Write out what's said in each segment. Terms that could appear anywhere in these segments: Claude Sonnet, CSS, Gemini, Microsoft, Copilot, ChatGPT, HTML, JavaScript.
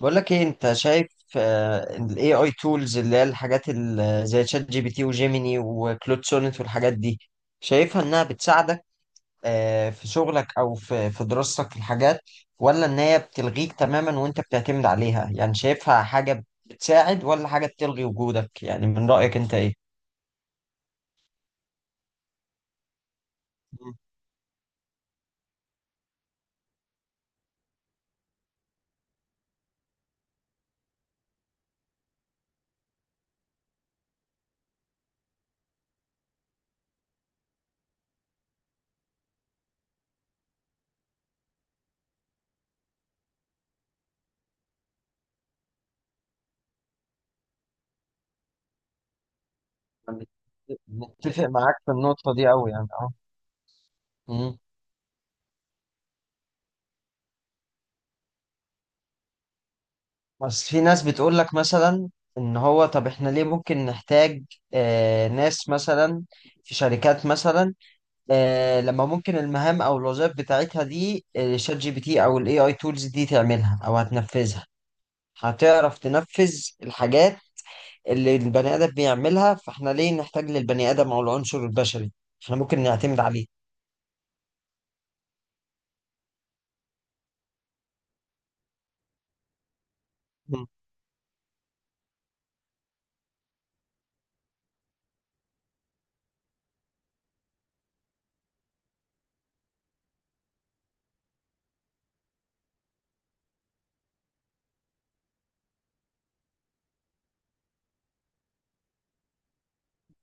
بقول لك ايه انت شايف. ال AI tools اللي هي الحاجات زي شات جي بي تي وجيميني وكلود سونيت والحاجات دي، شايفها انها بتساعدك في شغلك او في دراستك في الحاجات، ولا ان هي بتلغيك تماما وانت بتعتمد عليها؟ يعني شايفها حاجة بتساعد ولا حاجة بتلغي وجودك؟ يعني من رأيك انت ايه؟ مم. متفق معاك في النقطة دي أوي يعني اه. مم. بس في ناس بتقول لك مثلا ان هو طب احنا ليه ممكن نحتاج، ناس مثلا في شركات مثلا، لما ممكن المهام او الوظائف بتاعتها دي، شات جي بي تي او الاي اي تولز دي تعملها او هتنفذها، هتعرف تنفذ الحاجات اللي البني ادم بيعملها، فاحنا ليه نحتاج للبني ادم او العنصر البشري؟ احنا ممكن نعتمد عليه. مم.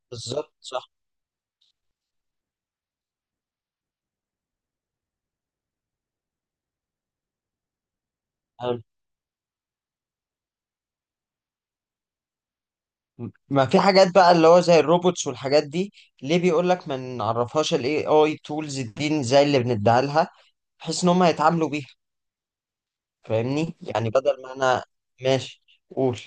بالظبط صح. ما في حاجات بقى اللي هو زي الروبوتس والحاجات دي، ليه بيقول لك ما نعرفهاش الاي اي تولز دي زي اللي بنديها لها، بحيث ان هم يتعاملوا بيها؟ فاهمني؟ يعني بدل ما انا، ماشي، قول.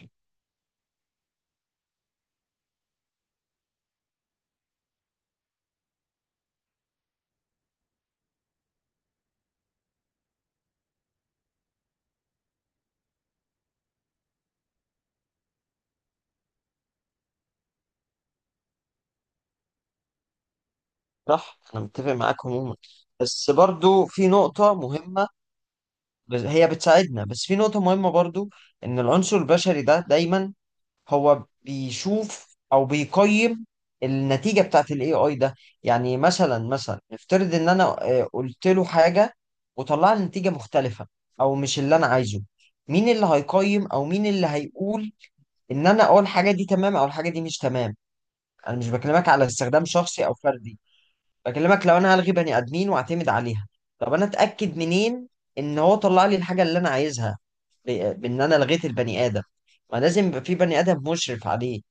صح، انا متفق معاك عموما، بس برضو في نقطة مهمة. هي بتساعدنا، بس في نقطة مهمة برضو، ان العنصر البشري ده دايما هو بيشوف او بيقيم النتيجه بتاعت الاي اي ده. يعني مثلا نفترض ان انا قلت له حاجه وطلع لي نتيجه مختلفه او مش اللي انا عايزه، مين اللي هيقيم او مين اللي هيقول ان انا اه الحاجه دي تمام او الحاجه دي مش تمام؟ انا مش بكلمك على استخدام شخصي او فردي، بكلمك لو انا هلغي بني ادمين واعتمد عليها، طب انا اتاكد منين ان هو طلع لي الحاجه اللي انا عايزها بان انا لغيت البني ادم؟ ما لازم يبقى في بني ادم مشرف عليه،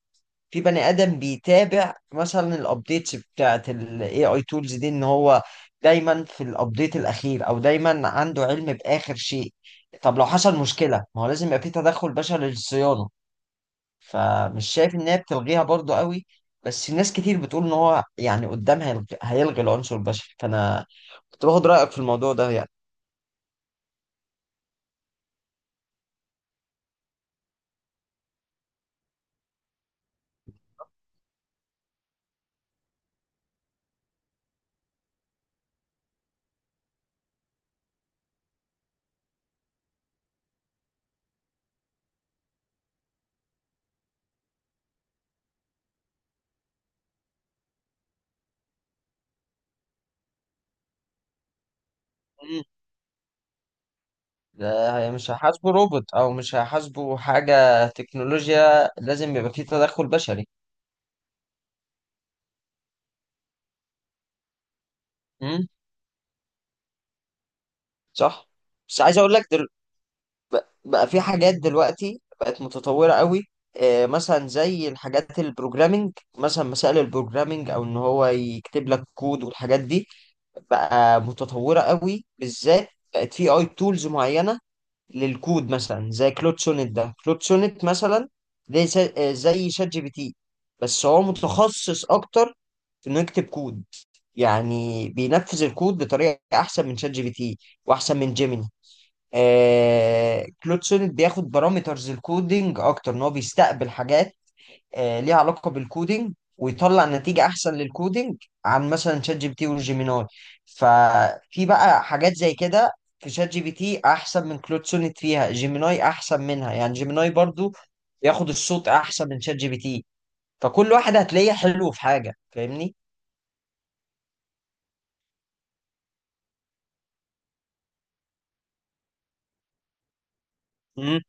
في بني ادم بيتابع مثلا الابديتس بتاعت الاي اي تولز دي، ان هو دايما في الابديت الاخير او دايما عنده علم باخر شيء. طب لو حصل مشكله، ما هو لازم يبقى في تدخل بشري للصيانه. فمش شايف ان هي بتلغيها برضو قوي، بس ناس كتير بتقول ان هو يعني قدام هيلغي, العنصر البشري، فانا كنت باخد رايك في الموضوع ده يعني. مم. ده مش هيحاسبه روبوت او مش هيحاسبه حاجه تكنولوجيا، لازم يبقى في تدخل بشري. صح، بس عايز اقول لك بقى في حاجات دلوقتي بقت متطوره قوي، مثلا زي الحاجات البروجرامينج، مثلا مسائل البروجرامينج او ان هو يكتب لك كود والحاجات دي بقى متطوره قوي، بالذات بقت في اي تولز معينه للكود، مثلا زي كلود سونيت. ده كلود سونيت مثلا ده زي شات جي بي تي، بس هو متخصص اكتر في انه يكتب كود، يعني بينفذ الكود بطريقه احسن من شات جي بي تي واحسن من جيميني. آه كلود سونيت بياخد بارامترز الكودينج اكتر، ان هو بيستقبل حاجات آه ليها علاقه بالكودينج ويطلع نتيجه احسن للكودينج عن مثلا شات جي بي تي وجيميناي. ففي بقى حاجات زي كده في شات جي بي تي احسن من كلود سونيت، فيها جيميناي احسن منها، يعني جيميناي برضو بياخد الصوت احسن من شات جي بي تي، فكل واحد هتلاقيه حلو في حاجه. فاهمني؟ مم.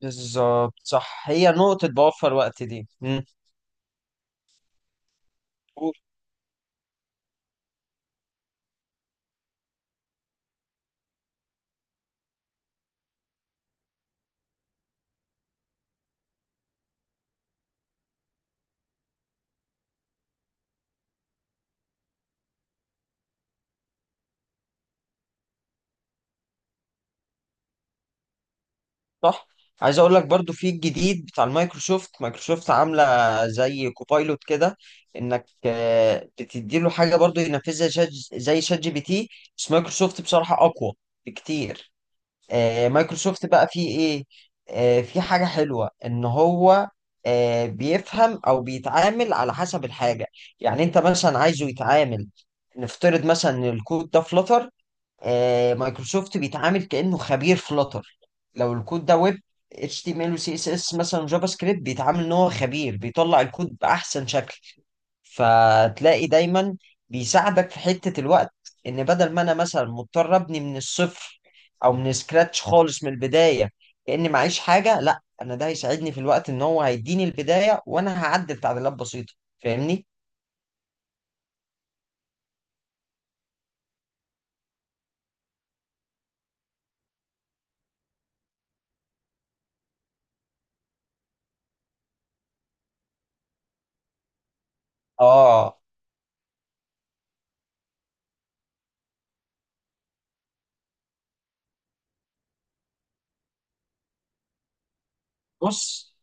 بالظبط صح، هي نقطه بوفر وقت دي. مم. صح. عايز اقول لك برضو في الجديد بتاع المايكروسوفت، مايكروسوفت عامله زي كوبايلوت كده، انك بتديله حاجه برضو ينفذها زي شات جي بي تي، بس مايكروسوفت بصراحه اقوى بكتير. مايكروسوفت بقى فيه ايه؟ في حاجه حلوه ان هو بيفهم او بيتعامل على حسب الحاجه. يعني انت مثلا عايزه يتعامل، نفترض مثلا ان الكود ده فلتر، مايكروسوفت بيتعامل كأنه خبير فلاتر. لو الكود ده ويب، HTML و CSS مثلا جافا سكريبت، بيتعامل ان هو خبير بيطلع الكود بأحسن شكل. فتلاقي دايما بيساعدك في حتة الوقت، ان بدل ما انا مثلا مضطر ابني من الصفر او من سكراتش خالص من البداية كأني معيش حاجة، لا، انا ده هيساعدني في الوقت ان هو هيديني البداية وانا هعدل تعديلات بسيطة. فاهمني؟ اه. بص،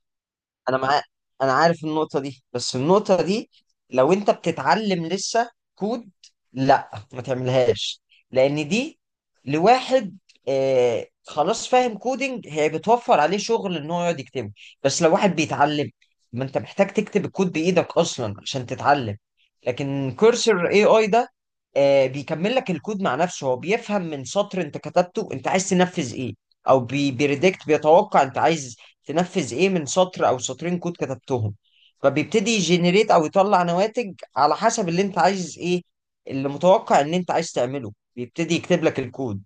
انا مع... انا عارف النقطة دي، بس النقطة دي لو انت بتتعلم لسه كود، لا ما تعملهاش، لان دي لواحد آه خلاص فاهم كودينج، هي بتوفر عليه شغل ان هو يقعد يكتبه. بس لو واحد بيتعلم، ما انت محتاج تكتب الكود بايدك اصلا عشان تتعلم. لكن كورسر اي اي ده آه بيكمل لك الكود مع نفسه، هو بيفهم من سطر انت كتبته انت عايز تنفذ ايه، او بيريدكت، بيتوقع انت عايز تنفذ ايه من سطر او سطرين كود كتبتهم، فبيبتدي يجنريت او يطلع نواتج على حسب اللي انت عايز ايه، اللي متوقع ان انت عايز تعمله بيبتدي يكتب لك الكود.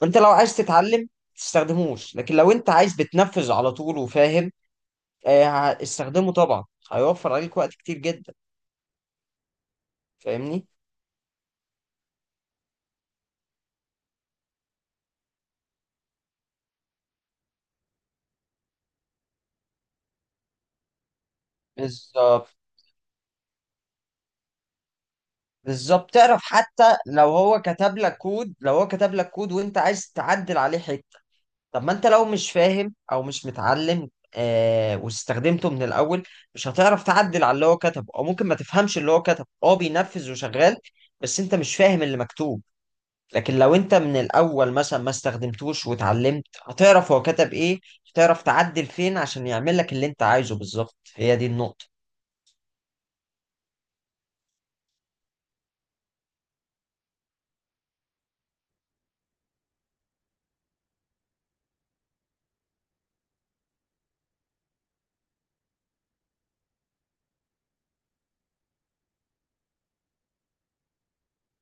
فانت لو عايز تتعلم تستخدموش، لكن لو انت عايز بتنفذ على طول وفاهم، استخدمه طبعا، هيوفر عليك وقت كتير جدا. فاهمني؟ بالظبط. بالظبط، تعرف حتى لو هو كتب لك كود، لو هو كتب لك كود وانت عايز تعدل عليه حته، طب ما انت لو مش فاهم او مش متعلم واستخدمته من الاول، مش هتعرف تعدل على اللي هو كتبه، او ممكن ما تفهمش اللي هو كتبه، هو بينفذ وشغال بس انت مش فاهم اللي مكتوب. لكن لو انت من الاول مثلا ما استخدمتوش واتعلمت، هتعرف هو كتب ايه، هتعرف تعدل فين عشان يعمل لك اللي انت عايزه بالظبط. هي دي النقطة.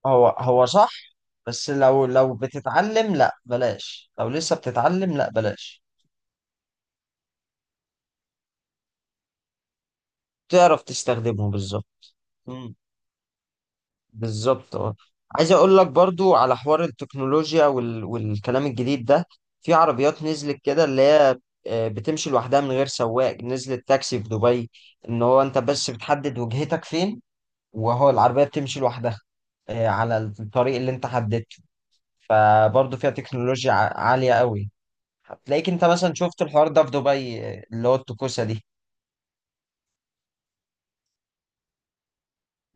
هو صح، بس لو بتتعلم لا بلاش، لو لسه بتتعلم لا بلاش. تعرف تستخدمه بالظبط. بالظبط اه. عايز اقول لك برضو على حوار التكنولوجيا والكلام الجديد ده، في عربيات نزلت كده اللي هي بتمشي لوحدها من غير سواق، نزلت تاكسي في دبي، ان هو انت بس بتحدد وجهتك فين وهو العربية بتمشي لوحدها على الطريق اللي انت حددته. فبرضو فيها تكنولوجيا عالية قوي. هتلاقيك انت مثلا شفت الحوار ده في دبي، اللي هو التكوسة دي.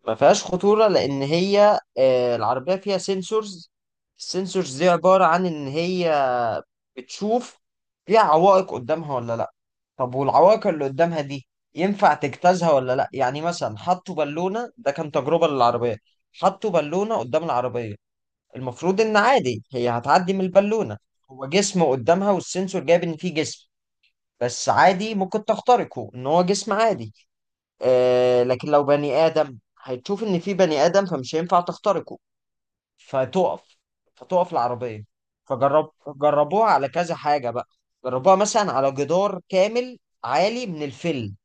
ما فيهاش خطورة لأن هي العربية فيها سنسورز، السنسورز دي عبارة عن إن هي بتشوف فيها عوائق قدامها ولا لأ، طب والعوائق اللي قدامها دي ينفع تجتازها ولا لأ. يعني مثلا حطوا بالونة، ده كان تجربة للعربية، حطوا بالونة قدام العربية، المفروض إن عادي هي هتعدي من البالونة، هو جسم قدامها والسنسور جايب إن فيه جسم بس عادي ممكن تخترقه إن هو جسم عادي. آه لكن لو بني آدم، هتشوف إن في بني آدم فمش هينفع تخترقه، فتقف، فتقف العربية. فجرب، جربوها على كذا حاجة بقى، جربوها مثلا على جدار كامل عالي من الفيل،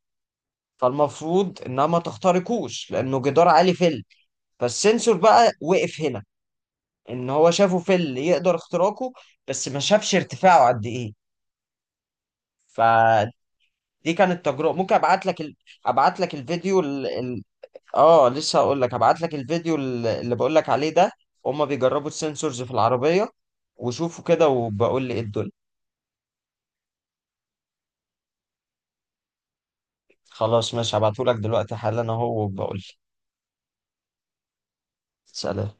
فالمفروض إنها ما تخترقوش لأنه جدار عالي فيل، فالسنسور بقى وقف هنا، إن هو شافه فيل يقدر اختراقه بس ما شافش ارتفاعه قد إيه. فدي كانت تجربة، ممكن أبعت لك الفيديو. اه لسه هقول لك، هبعت لك الفيديو اللي بقول لك عليه ده، هما بيجربوا السنسورز في العربية، وشوفوا كده وبقول لي ايه الدنيا. خلاص ماشي، هبعته لك دلوقتي حالا اهو وبقول لي. سلام.